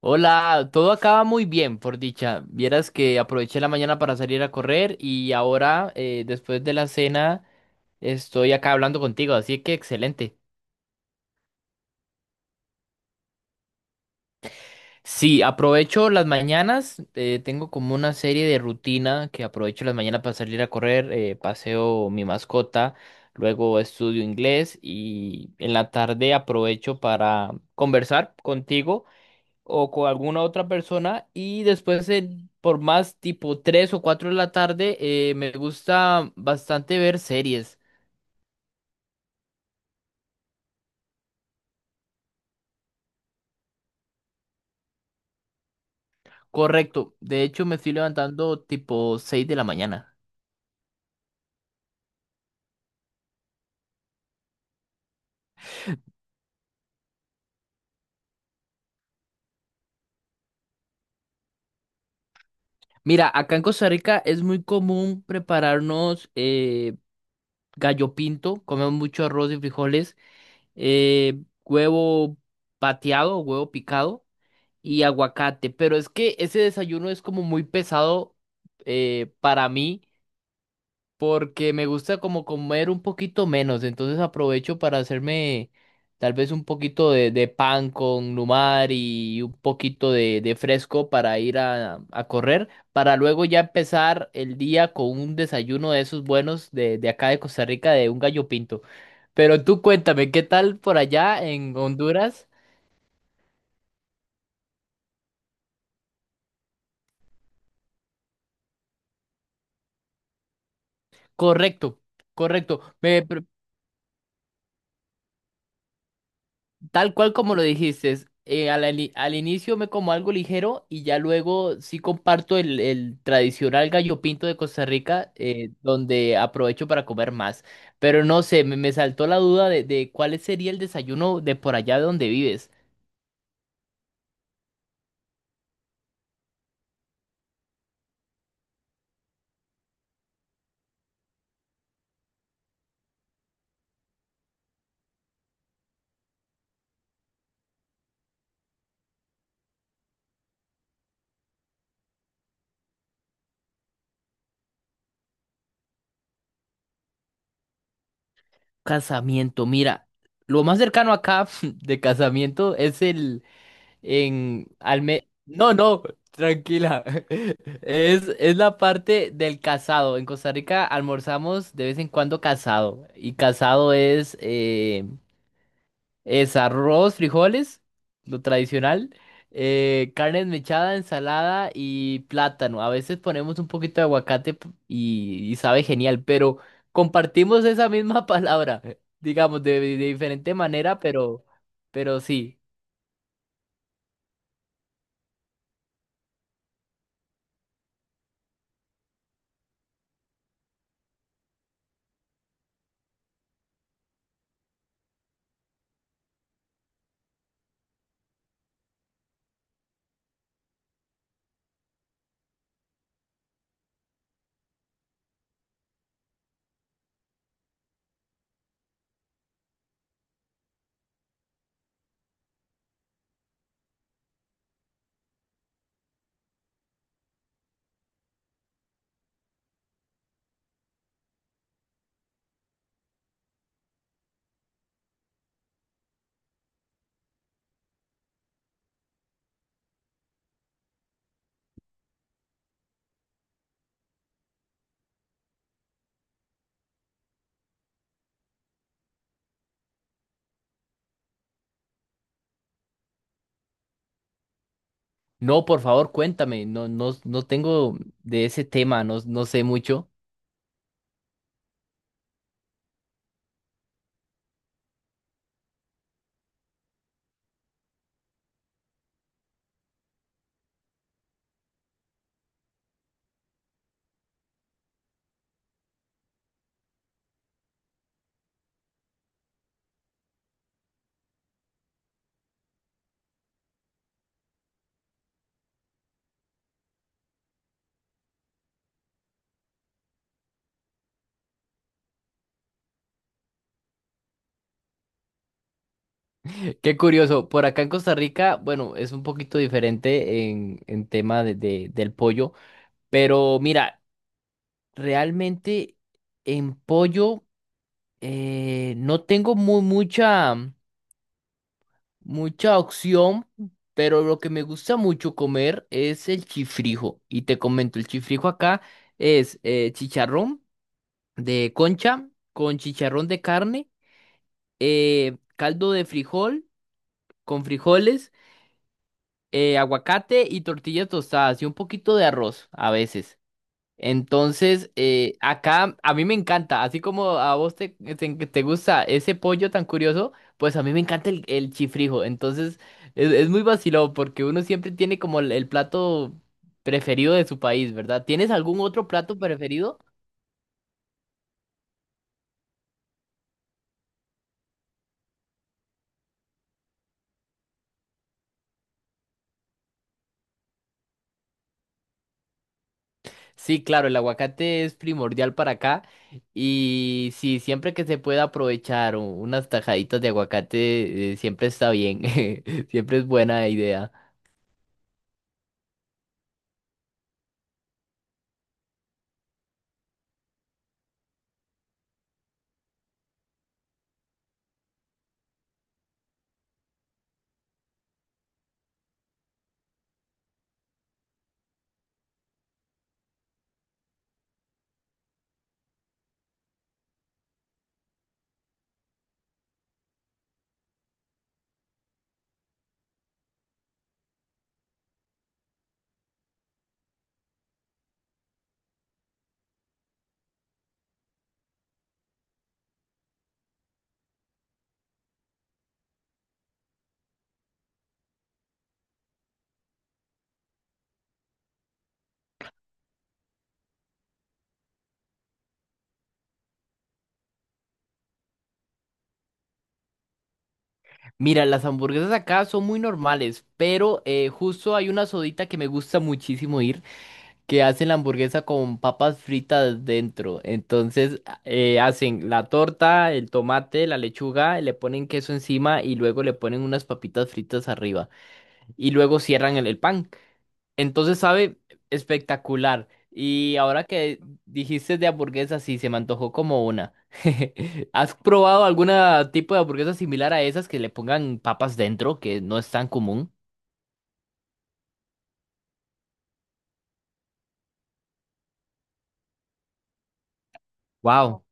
Hola, todo acaba muy bien, por dicha. Vieras que aproveché la mañana para salir a correr y ahora, después de la cena, estoy acá hablando contigo, así que excelente. Sí, aprovecho las mañanas, tengo como una serie de rutina que aprovecho las mañanas para salir a correr, paseo mi mascota, luego estudio inglés y en la tarde aprovecho para conversar contigo o con alguna otra persona y después por más tipo 3 o 4 de la tarde me gusta bastante ver series. Correcto, de hecho me estoy levantando tipo 6 de la mañana. Mira, acá en Costa Rica es muy común prepararnos gallo pinto, comemos mucho arroz y frijoles, huevo pateado, huevo picado y aguacate, pero es que ese desayuno es como muy pesado para mí porque me gusta como comer un poquito menos, entonces aprovecho para hacerme tal vez un poquito de pan con lumar y un poquito de fresco para ir a correr, para luego ya empezar el día con un desayuno de esos buenos de acá de Costa Rica, de un gallo pinto. Pero tú cuéntame, ¿qué tal por allá en Honduras? Correcto, correcto. Me, tal cual como lo dijiste, al inicio me como algo ligero y ya luego sí comparto el tradicional gallo pinto de Costa Rica, donde aprovecho para comer más. Pero no sé, me saltó la duda de cuál sería el desayuno de por allá de donde vives. Casamiento, mira, lo más cercano acá de casamiento es el, en no, no, tranquila. Es la parte del casado. En Costa Rica almorzamos de vez en cuando casado. Y casado es arroz, frijoles, lo tradicional, carne desmechada, ensalada y plátano. A veces ponemos un poquito de aguacate y sabe genial, pero compartimos esa misma palabra, digamos, de diferente manera, pero sí. No, por favor, cuéntame. No, no, no tengo de ese tema, no, no sé mucho. Qué curioso. Por acá en Costa Rica, bueno, es un poquito diferente en tema de, del pollo. Pero mira, realmente en pollo no tengo mucha, mucha opción. Pero lo que me gusta mucho comer es el chifrijo. Y te comento, el chifrijo acá es chicharrón de concha con chicharrón de carne caldo de frijol con frijoles, aguacate y tortillas tostadas y un poquito de arroz a veces. Entonces, acá a mí me encanta, así como a vos te gusta ese pollo tan curioso, pues a mí me encanta el chifrijo. Entonces, es muy vacilón porque uno siempre tiene como el plato preferido de su país, ¿verdad? ¿Tienes algún otro plato preferido? Sí, claro, el aguacate es primordial para acá y sí, siempre que se pueda aprovechar unas tajaditas de aguacate, siempre está bien, siempre es buena idea. Mira, las hamburguesas acá son muy normales, pero justo hay una sodita que me gusta muchísimo ir, que hacen la hamburguesa con papas fritas dentro. Entonces hacen la torta, el tomate, la lechuga, le ponen queso encima y luego le ponen unas papitas fritas arriba y luego cierran el pan. Entonces sabe espectacular. Y ahora que dijiste de hamburguesas, sí, se me antojó como una. ¿Has probado algún tipo de hamburguesa similar a esas que le pongan papas dentro, que no es tan común? Wow,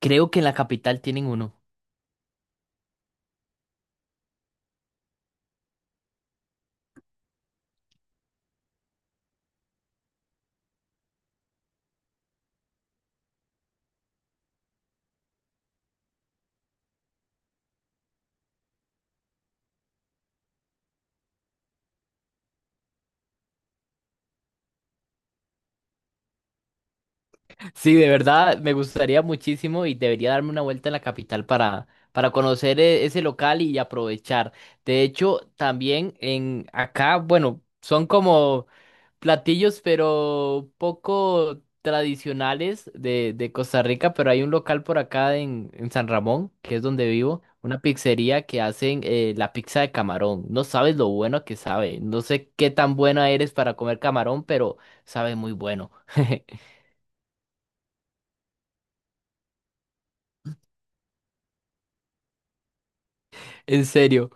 creo que en la capital tienen uno. Sí, de verdad, me gustaría muchísimo y debería darme una vuelta en la capital para conocer ese local y aprovechar. De hecho, también en acá, bueno, son como platillos, pero poco tradicionales de Costa Rica, pero hay un local por acá en San Ramón, que es donde vivo, una pizzería que hacen la pizza de camarón. No sabes lo bueno que sabe. No sé qué tan buena eres para comer camarón, pero sabe muy bueno. En serio.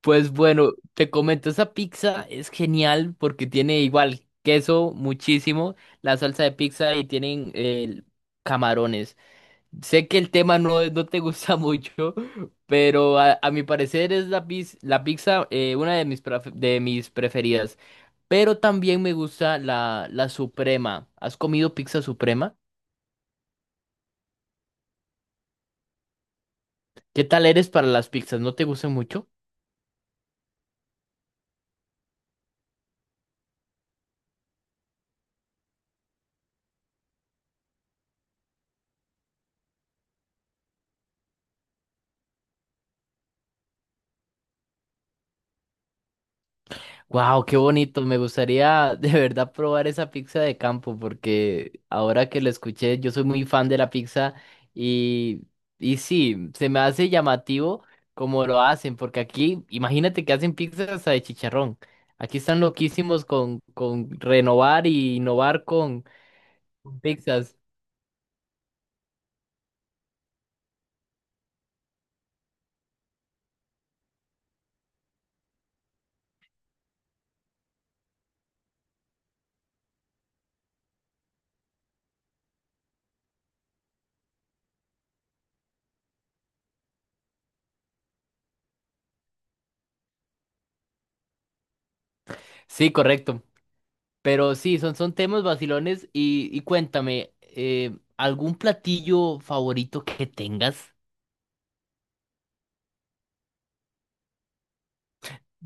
Pues bueno, te comento, esa pizza es genial porque tiene igual queso muchísimo, la salsa de pizza y tienen camarones. Sé que el tema no, no te gusta mucho, pero a mi parecer es la, la pizza una de mis, de mis preferidas. Pero también me gusta la, la suprema. ¿Has comido pizza suprema? ¿Qué tal eres para las pizzas? ¿No te gustan mucho? Wow, qué bonito. Me gustaría de verdad probar esa pizza de campo porque ahora que lo escuché, yo soy muy fan de la pizza y, y sí, se me hace llamativo como lo hacen, porque aquí, imagínate que hacen pizzas hasta de chicharrón. Aquí están loquísimos con renovar y innovar con pizzas. Sí, correcto. Pero sí, son, son temas vacilones y cuéntame, ¿algún platillo favorito que tengas?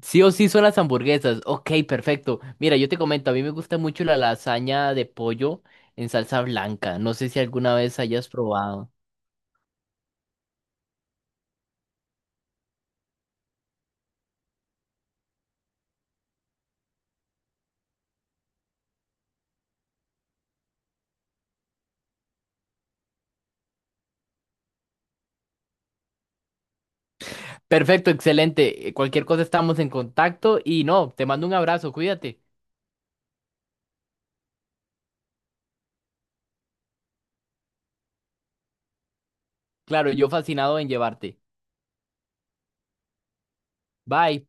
Sí o sí son las hamburguesas. Ok, perfecto. Mira, yo te comento, a mí me gusta mucho la lasaña de pollo en salsa blanca. No sé si alguna vez hayas probado. Perfecto, excelente. Cualquier cosa estamos en contacto y no, te mando un abrazo, cuídate. Claro, yo fascinado en llevarte. Bye.